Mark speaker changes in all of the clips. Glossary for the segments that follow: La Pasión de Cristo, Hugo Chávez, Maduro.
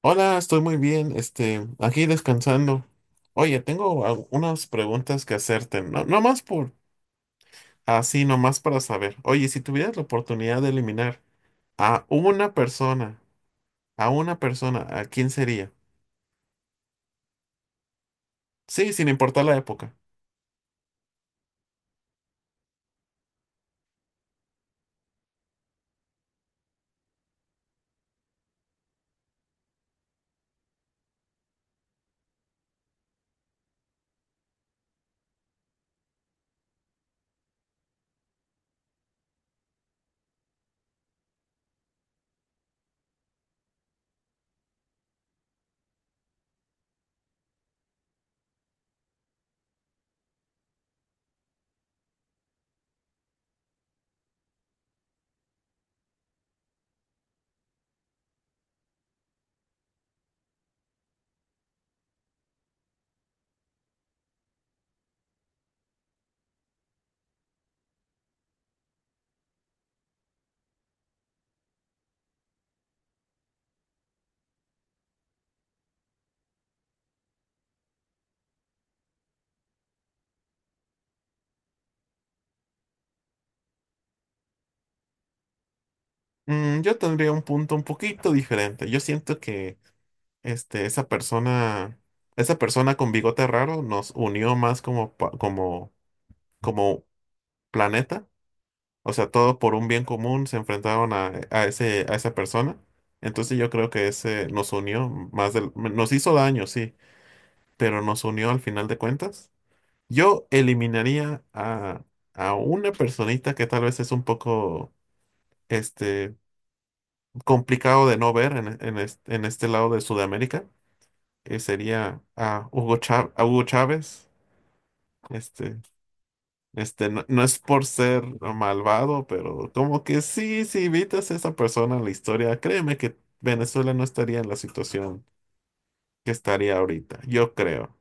Speaker 1: Hola, estoy muy bien, aquí descansando. Oye, tengo unas preguntas que hacerte, no más por así, nomás para saber. Oye, si tuvieras la oportunidad de eliminar a una persona, a una persona, ¿a quién sería? Sí, sin importar la época. Mm, yo tendría un punto un poquito diferente. Yo siento que este, esa persona, esa persona con bigote raro nos unió más como, como, como planeta. O sea, todo por un bien común se enfrentaron a ese, a esa persona. Entonces yo creo que ese nos unió más del, nos hizo daño, sí, pero nos unió al final de cuentas. Yo eliminaría a una personita que tal vez es un poco este, complicado de no ver en este lado de Sudamérica, que sería a a Hugo Chávez. Este, no es por ser malvado, pero como que sí, si evitas a esa persona en la historia, créeme que Venezuela no estaría en la situación que estaría ahorita, yo creo.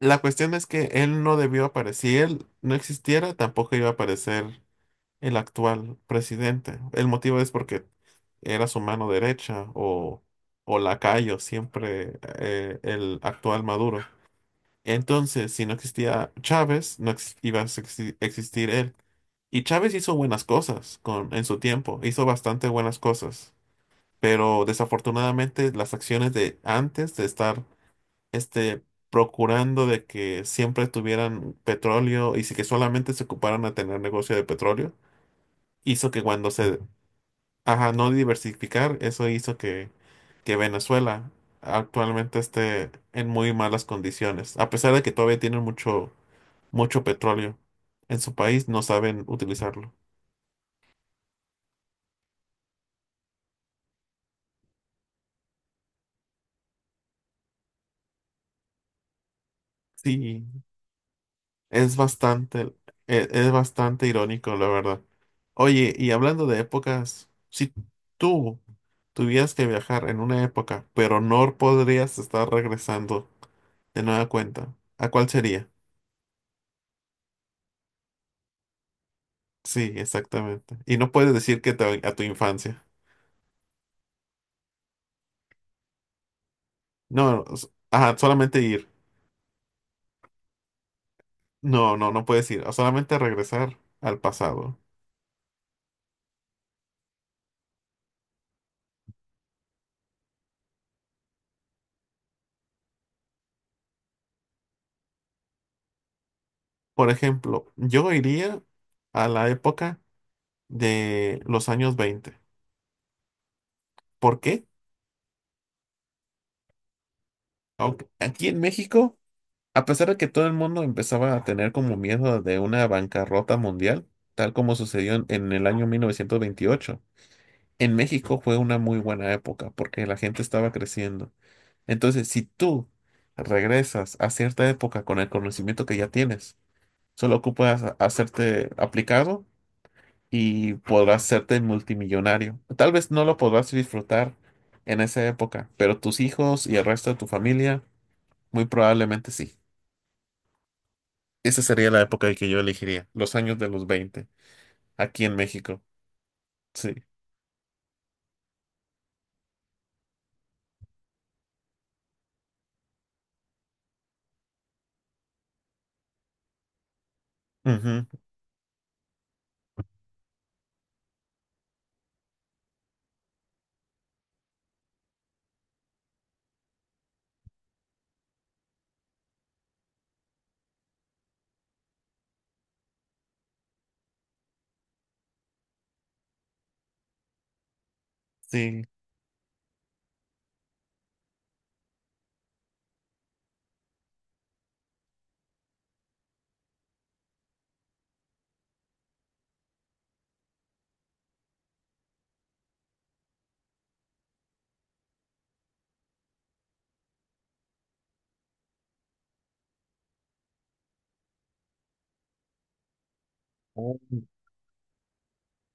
Speaker 1: La cuestión es que él no debió aparecer, si él no existiera, tampoco iba a aparecer el actual presidente. El motivo es porque era su mano derecha o lacayo, siempre el actual Maduro. Entonces, si no existía Chávez, no ex- iba a exi- existir él. Y Chávez hizo buenas cosas con, en su tiempo, hizo bastante buenas cosas, pero desafortunadamente las acciones de antes de estar este, procurando de que siempre tuvieran petróleo y si que solamente se ocuparan a tener negocio de petróleo, hizo que cuando se. Ajá, no diversificar, eso hizo que Venezuela actualmente esté en muy malas condiciones, a pesar de que todavía tienen mucho, mucho petróleo en su país, no saben utilizarlo. Sí, es bastante, es, bastante irónico, la verdad. Oye, y hablando de épocas, si tú tuvieras que viajar en una época, pero no podrías estar regresando de nueva cuenta, ¿a cuál sería? Sí, exactamente. Y no puedes decir que a tu infancia. No, ajá, solamente ir. No puedes ir. Solamente regresar al pasado. Por ejemplo, yo iría a la época de los años 20. ¿Por qué? Aunque aquí en México, a pesar de que todo el mundo empezaba a tener como miedo de una bancarrota mundial, tal como sucedió en el año 1928, en México fue una muy buena época porque la gente estaba creciendo. Entonces, si tú regresas a cierta época con el conocimiento que ya tienes, solo ocupas hacerte aplicado y podrás hacerte multimillonario. Tal vez no lo podrás disfrutar en esa época, pero tus hijos y el resto de tu familia muy probablemente sí. Esa sería la época que yo elegiría, los años de los 20, aquí en México. Sí. Ujú. Sí. Oh.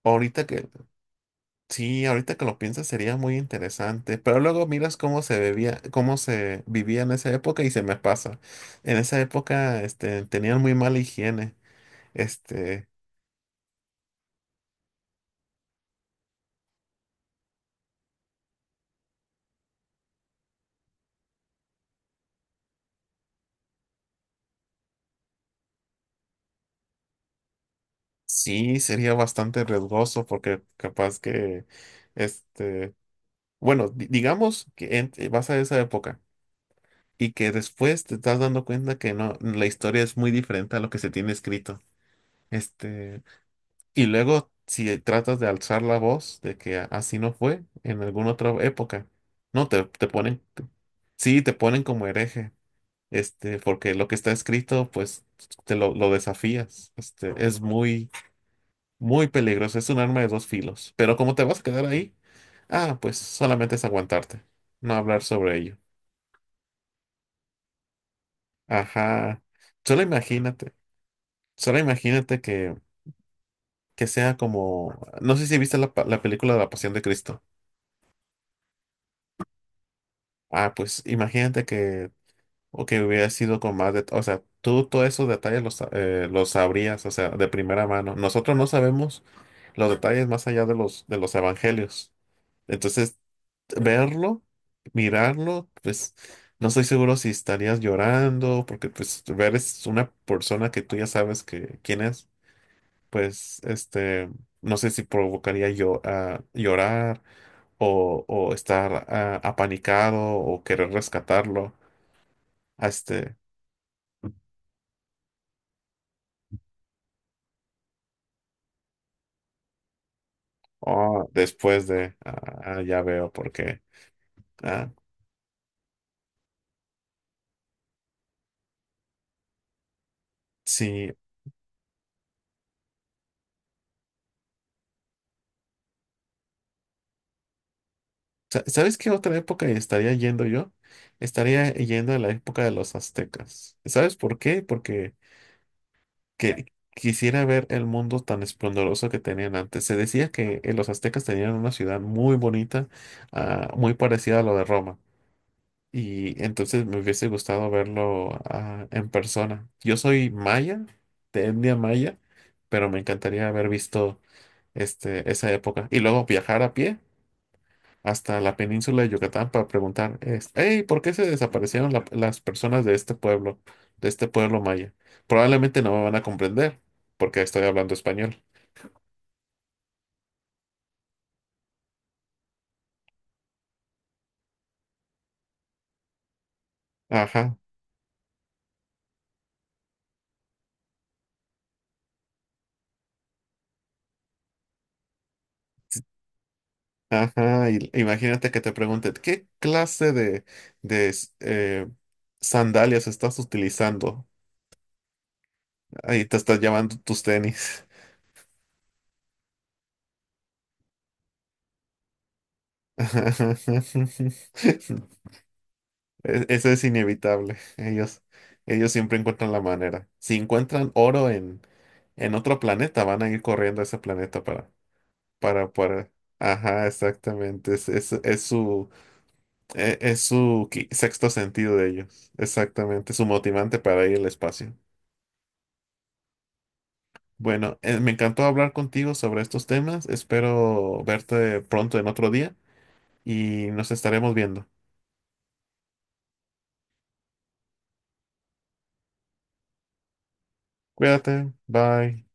Speaker 1: Ahorita que, sí, ahorita que lo piensas sería muy interesante, pero luego miras cómo se bebía, cómo se vivía en esa época y se me pasa. En esa época, tenían muy mala higiene. Este, sí, sería bastante riesgoso porque capaz que, este, bueno, digamos que vas a esa época y que después te estás dando cuenta que no, la historia es muy diferente a lo que se tiene escrito. Este, Y luego, si tratas de alzar la voz de que así no fue en alguna otra época, no, sí, te ponen como hereje, porque lo que está escrito, pues, te lo desafías. Es muy, muy peligroso, es un arma de dos filos. Pero como te vas a quedar ahí, ah, pues solamente es aguantarte, no hablar sobre ello. Ajá, solo imagínate, solo imagínate que sea como, no sé si viste la película de La Pasión de Cristo. Ah, pues imagínate que, o que hubiera sido con más de, o sea, tú todos esos detalles los sabrías, o sea, de primera mano. Nosotros no sabemos los detalles más allá de los evangelios. Entonces, verlo, mirarlo, pues no estoy seguro si estarías llorando, porque pues ver es una persona que tú ya sabes que quién es, pues no sé si provocaría yo a llorar o estar ah, apanicado o querer rescatarlo. Ah. O después de, ah, ah, ya veo por qué. Ah, sí. ¿Sabes qué otra época estaría yendo yo? Estaría yendo a la época de los aztecas. ¿Sabes por qué? Porque que, quisiera ver el mundo tan esplendoroso que tenían antes. Se decía que los aztecas tenían una ciudad muy bonita, ah, muy parecida a lo de Roma. Y entonces me hubiese gustado verlo, ah, en persona. Yo soy maya, de etnia maya, pero me encantaría haber visto esa época. Y luego viajar a pie hasta la península de Yucatán para preguntar, es, hey, ¿por qué se desaparecieron las personas de este pueblo maya? Probablemente no me van a comprender porque estoy hablando español. Ajá, ajá. Y imagínate que te pregunten, ¿qué clase de, de s- eh, sandalias estás utilizando? Ahí te estás llevando tus tenis. Eso es inevitable. Ellos siempre encuentran la manera. Si encuentran oro en otro planeta, van a ir corriendo a ese planeta para, para. Ajá, exactamente. Es su, es, su sexto sentido de ellos. Exactamente. Su motivante para ir al espacio. Bueno, me encantó hablar contigo sobre estos temas. Espero verte pronto en otro día y nos estaremos viendo. Cuídate. Bye.